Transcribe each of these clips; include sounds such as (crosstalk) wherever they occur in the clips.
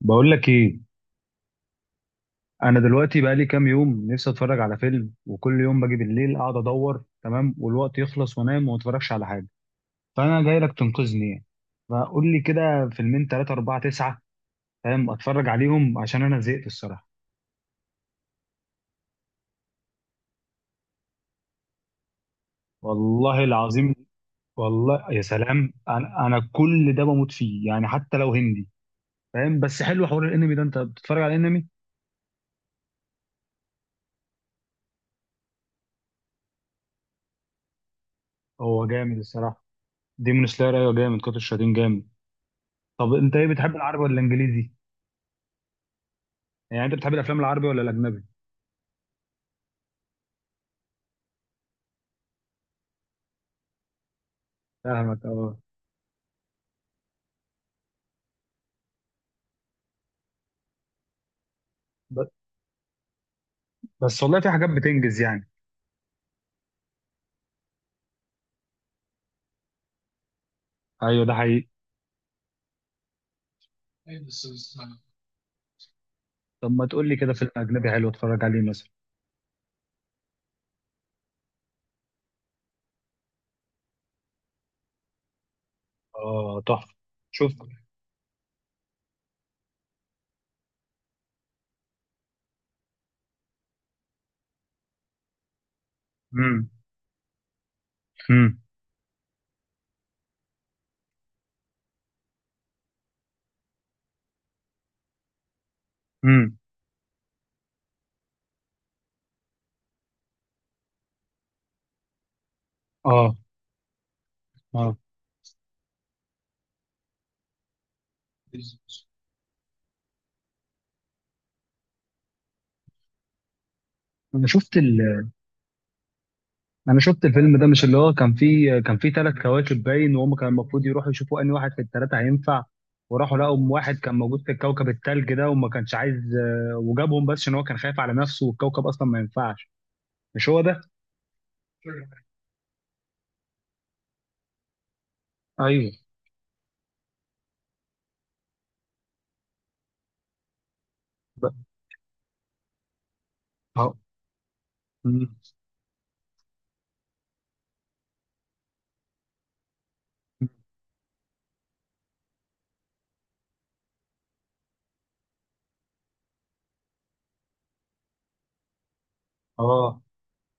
بقول لك ايه؟ انا دلوقتي بقى لي كام يوم نفسي اتفرج على فيلم، وكل يوم باجي بالليل اقعد ادور تمام والوقت يخلص وانام وما اتفرجش على حاجه. فانا جاي لك تنقذني يعني. فقول لي كده، فيلمين ثلاثه اربعه تسعه فاهم، اتفرج عليهم عشان انا زهقت الصراحه. والله العظيم. والله يا سلام، انا كل ده بموت فيه يعني، حتى لو هندي فاهم. بس حلو حوار الانمي ده، انت بتتفرج على الانمي؟ هو جامد الصراحه. ديمون سلاير، ايوه جامد، قاتل الشياطين جامد. طب انت ايه، بتحب العربي ولا الانجليزي؟ يعني انت بتحب الافلام العربي ولا الاجنبي؟ فاهمك اه. ب- بس والله في حاجات بتنجز يعني. ايوه ده حقيقي. طب ما تقول لي كده فيلم اجنبي حلو اتفرج عليه مثلا. اه تحفه. شوف. امم امم امم اه. اه. انا شفت انا شفت الفيلم ده، مش اللي هو كان فيه، كان فيه ثلاث كواكب باين، وهم كان المفروض يروحوا يشوفوا انهي واحد في الثلاثه هينفع. وراحوا لقوا أم واحد كان موجود في الكوكب الثلج ده وما كانش عايز. وجابهم بس عشان هو كان خايف على نفسه، والكوكب اصلا ما ينفعش. مش هو ده؟ ايوه. اه. مم. اه.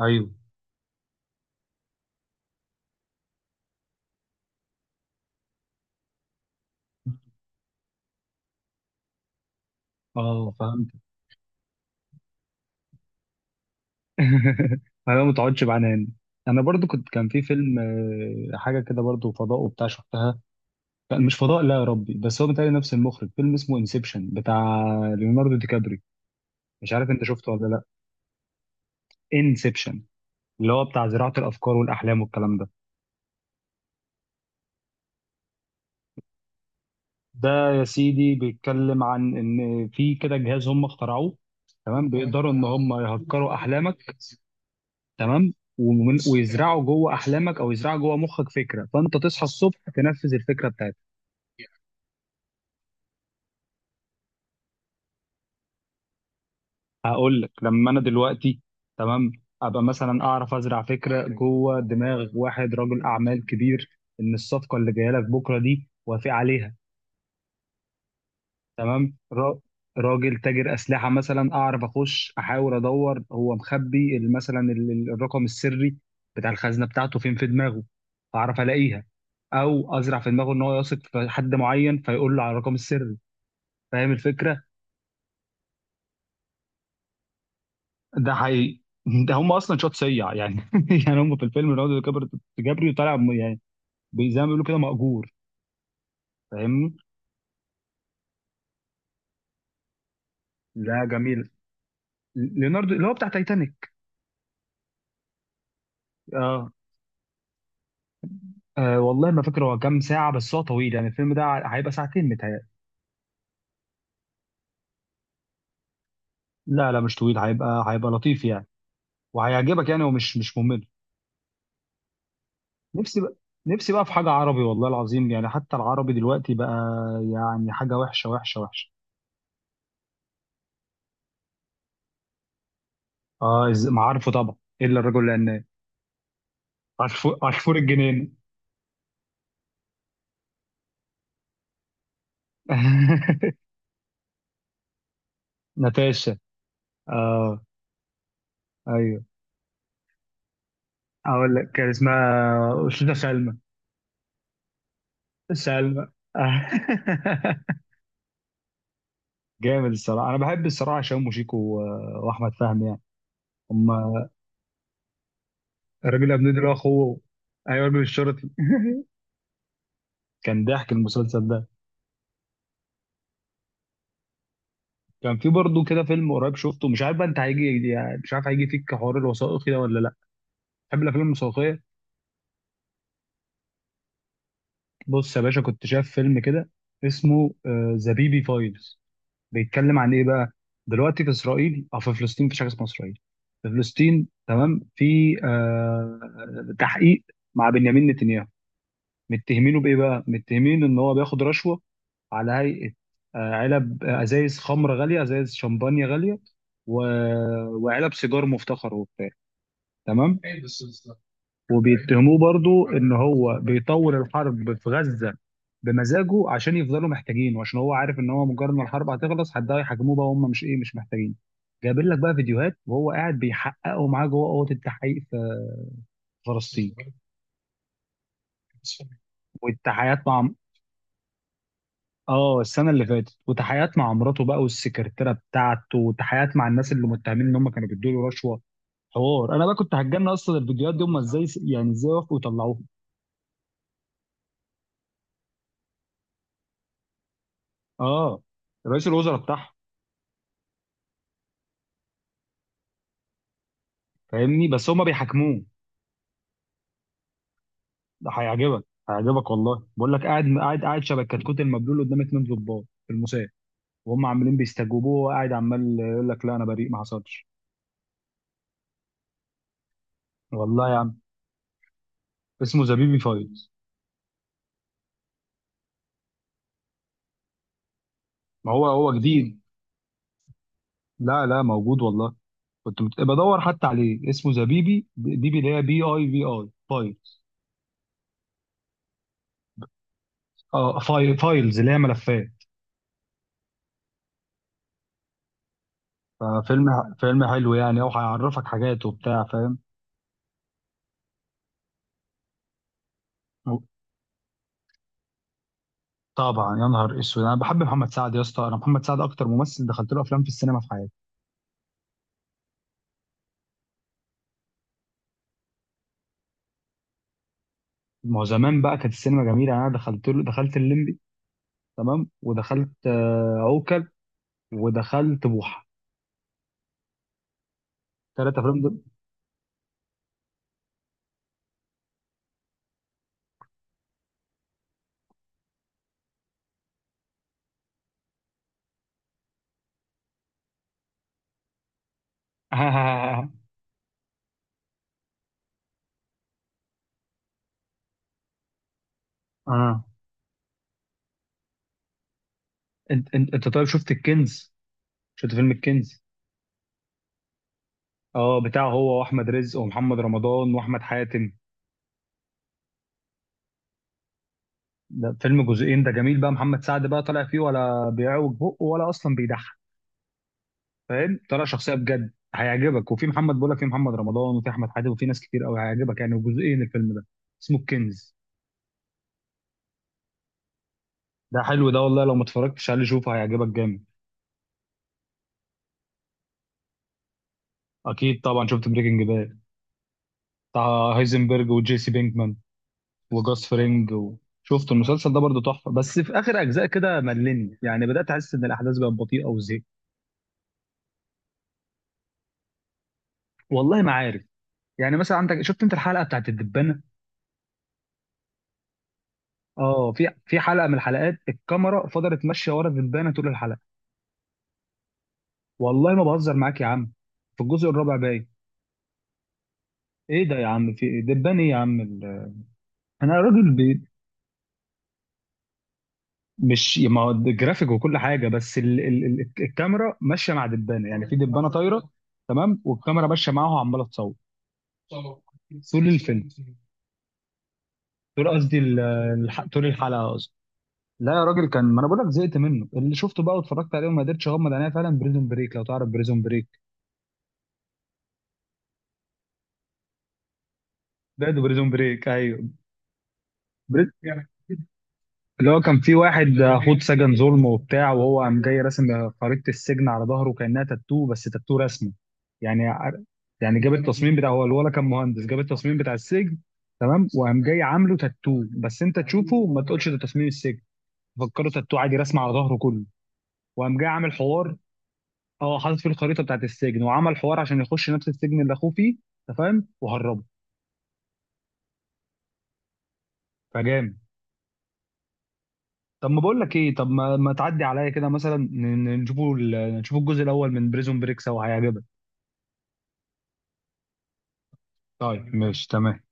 ايوه. اه فهمت. (laughs) انا ما تقعدش بعنان. انا برضو كنت، كان في فيلم حاجه كده برضو فضاء وبتاع شفتها. كان مش فضاء، لا يا ربي، بس هو بتاعي نفس المخرج، فيلم اسمه انسبشن، بتاع ليوناردو دي كابري. مش عارف انت شفته ولا لا؟ انسبشن. اللي هو بتاع زراعه الافكار والاحلام والكلام ده. ده يا سيدي بيتكلم عن ان في كده جهاز هم اخترعوه تمام، بيقدروا ان هم يهكروا احلامك تمام، ويزرعوا جوه احلامك، او يزرعوا جوه مخك فكره، فانت تصحى الصبح تنفذ الفكره بتاعتك. هقول لك، لما انا دلوقتي تمام، ابقى مثلا اعرف ازرع فكره جوه دماغ واحد رجل اعمال كبير، ان الصفقه اللي جايه لك بكره دي، وافق عليها. تمام. راجل تاجر اسلحه مثلا، اعرف اخش احاول ادور هو مخبي مثلا الرقم السري بتاع الخزنه بتاعته فين في دماغه، اعرف الاقيها. او ازرع في دماغه ان هو يثق في حد معين فيقول له على الرقم السري. فاهم الفكره؟ ده حقيقي. (laughs) ده هم اصلا شوت سيع يعني. (laughs) يعني هم في الفيلم ليوناردو دي كابري كابريو طالع يعني زي ما بيقولوا كده مأجور. فاهمني؟ لا جميل. ليوناردو اللي هو بتاع تايتانيك. اه. أه والله ما فاكر هو كام ساعة، بس هو طويل يعني، الفيلم ده هيبقى ساعتين متهيألي. لا لا مش طويل، هيبقى هيبقى لطيف يعني، وهيعجبك يعني، ومش مش ممل. نفسي بقى. نفسي بقى في حاجة عربي والله العظيم، يعني حتى العربي دلوقتي بقى يعني حاجة وحشة وحشة وحشة. اه، ما عارفه طبعا، إلا الرجل العناب. عصفور، عصفور الجنين. (laughs) ناتاشا. اه. ايوه. اقول لك كان اسمها أستاذة سلمى. سلمى. (laughs) جامد الصراحة، انا بحب الصراحة هشام وشيكو واحمد فهمي يعني. اما الراجل الأبني ده اللي هو اخوه. ايوه الراجل الشرطي. (laughs) كان ضحك المسلسل ده. كان في برضه كده فيلم قريب شفته، مش عارف بقى انت هيجي يعني، مش عارف هيجي فيك حوار الوثائقي ده ولا لا، تحب الافلام الوثائقيه؟ بص يا باشا، كنت شايف فيلم كده اسمه ذا بيبي فايلز. بيتكلم عن ايه بقى؟ دلوقتي في اسرائيل، او في فلسطين، مفيش حاجه اسمها اسرائيل، في فلسطين تمام، في آه تحقيق مع بنيامين نتنياهو. متهمينه بايه بقى؟ متهمين ان هو بياخد رشوه على هيئه علب، ازايز خمره غاليه، ازايز شمبانيا غاليه، و... وعلب سيجار مفتخر وبتاع تمام. وبيتهموه برضو ان هو بيطول الحرب في غزه بمزاجه، عشان يفضلوا محتاجين، وعشان هو عارف ان هو مجرد ما الحرب هتخلص حد هيحاكموه بقى، وهم مش ايه، مش محتاجين. جايبين لك بقى فيديوهات وهو قاعد بيحققوا معاه جوه اوضه التحقيق في فلسطين، والتحقيقات مع، اه، السنه اللي فاتت، وتحيات مع مراته بقى والسكرتيره بتاعته، وتحيات مع الناس اللي متهمين ان هم كانوا بيدوا له رشوه حوار. انا بقى كنت هتجنن اصلا، الفيديوهات دي هم ازاي يعني، ازاي وافقوا يطلعوها؟ اه رئيس الوزراء بتاعهم. فاهمني؟ بس هم بيحاكموه. ده هيعجبك، هيعجبك والله، بقول لك قاعد قاعد قاعد شبه الكتكوت المبلول قدام اتنين ضباط في المساء، وهم عمالين بيستجوبوه، وهو قاعد عمال يقول لك لا انا بريء ما حصلش. والله يا عم. اسمه زبيبي فايز. ما هو هو جديد. لا لا موجود والله، كنت بدور حتى عليه، اسمه ذا بيبي بيبي اللي هي بي اي في اي فايلز. اه فايل فايلز اللي هي ملفات. ففيلم، فيلم حلو يعني، او هيعرفك حاجات وبتاع فاهم. طبعا، يا نهار اسود، انا بحب محمد سعد يا اسطى، انا محمد سعد اكتر ممثل دخلت له افلام في السينما في حياتي. ما هو زمان بقى كانت السينما جميله. انا دخلت له دخلت الليمبي تمام، ودخلت عوكل، ودخلت بوحه، ثلاث افلام دول. (laughs) اه. انت انت طيب شفت الكنز؟ شفت فيلم الكنز؟ اه بتاعه هو واحمد رزق ومحمد رمضان واحمد حاتم. ده فيلم جزئين، ده جميل بقى، محمد سعد بقى طالع فيه، ولا بيعوج بقه، ولا اصلا بيضحك، فاهم؟ طالع شخصيه بجد هيعجبك، وفي محمد، بقول لك في محمد رمضان وفي احمد حاتم، وفي ناس كتير قوي هيعجبك يعني، وجزئين الفيلم ده، اسمه الكنز. ده حلو ده والله، لو ما اتفرجتش عليه شوفه، هيعجبك جامد. اكيد طبعا شفت بريكنج باد، بتاع هايزنبرج وجيسي بينكمان وجاس فرينج شفت المسلسل ده برضه تحفه، بس في اخر اجزاء كده ملني يعني، بدات احس ان الاحداث بقت بطيئه وزهقت. والله ما عارف. يعني مثلا عندك، شفت انت الحلقه بتاعت الدبانه؟ اه في حلقه من الحلقات الكاميرا فضلت ماشيه ورا الدبانه طول الحلقه. والله ما بهزر معاك يا عم، في الجزء الرابع باين، ايه ده يا عم، في دبان ايه يا عم انا راجل بي... مش ما هو جرافيك وكل حاجه، بس الكاميرا ماشيه مع دبانه، يعني في دبانه طايره تصوير تمام، والكاميرا ماشيه معاها وعماله تصور طول الفيلم. طول قصدي طول الحلقه قصدي. لا يا راجل، كان، ما انا بقول لك زهقت منه اللي شفته بقى واتفرجت عليه وما قدرتش اغمض عينيا. فعلا بريزون بريك، لو تعرف بريزون بريك. ده ده بريزون بريك، ايوه. بريزون اللي هو كان في واحد خد سجن ظلم وبتاع، وهو قام جاي راسم خريطة السجن على ظهره كأنها تاتو، بس تاتو رسمه يعني. يعني جاب التصميم بتاع، هو الولا كان مهندس، جاب التصميم بتاع السجن تمام، وقام جاي عامله تاتو، بس انت تشوفه وما تقولش ده تصميم السجن، فكره، تاتو عادي رسمه على ظهره كله. وقام جاي عامل حوار، اه حاطط فيه الخريطة بتاعت السجن، وعمل حوار عشان يخش نفس السجن اللي اخوه فيه انت فاهم، وهربه. فجامد. طب ما بقول لك ايه، طب ما تعدي عليا كده مثلا، نشوفوا نشوفوا الجزء الاول من بريزون بريك سوا هيعجبك. طيب ماشي تمام.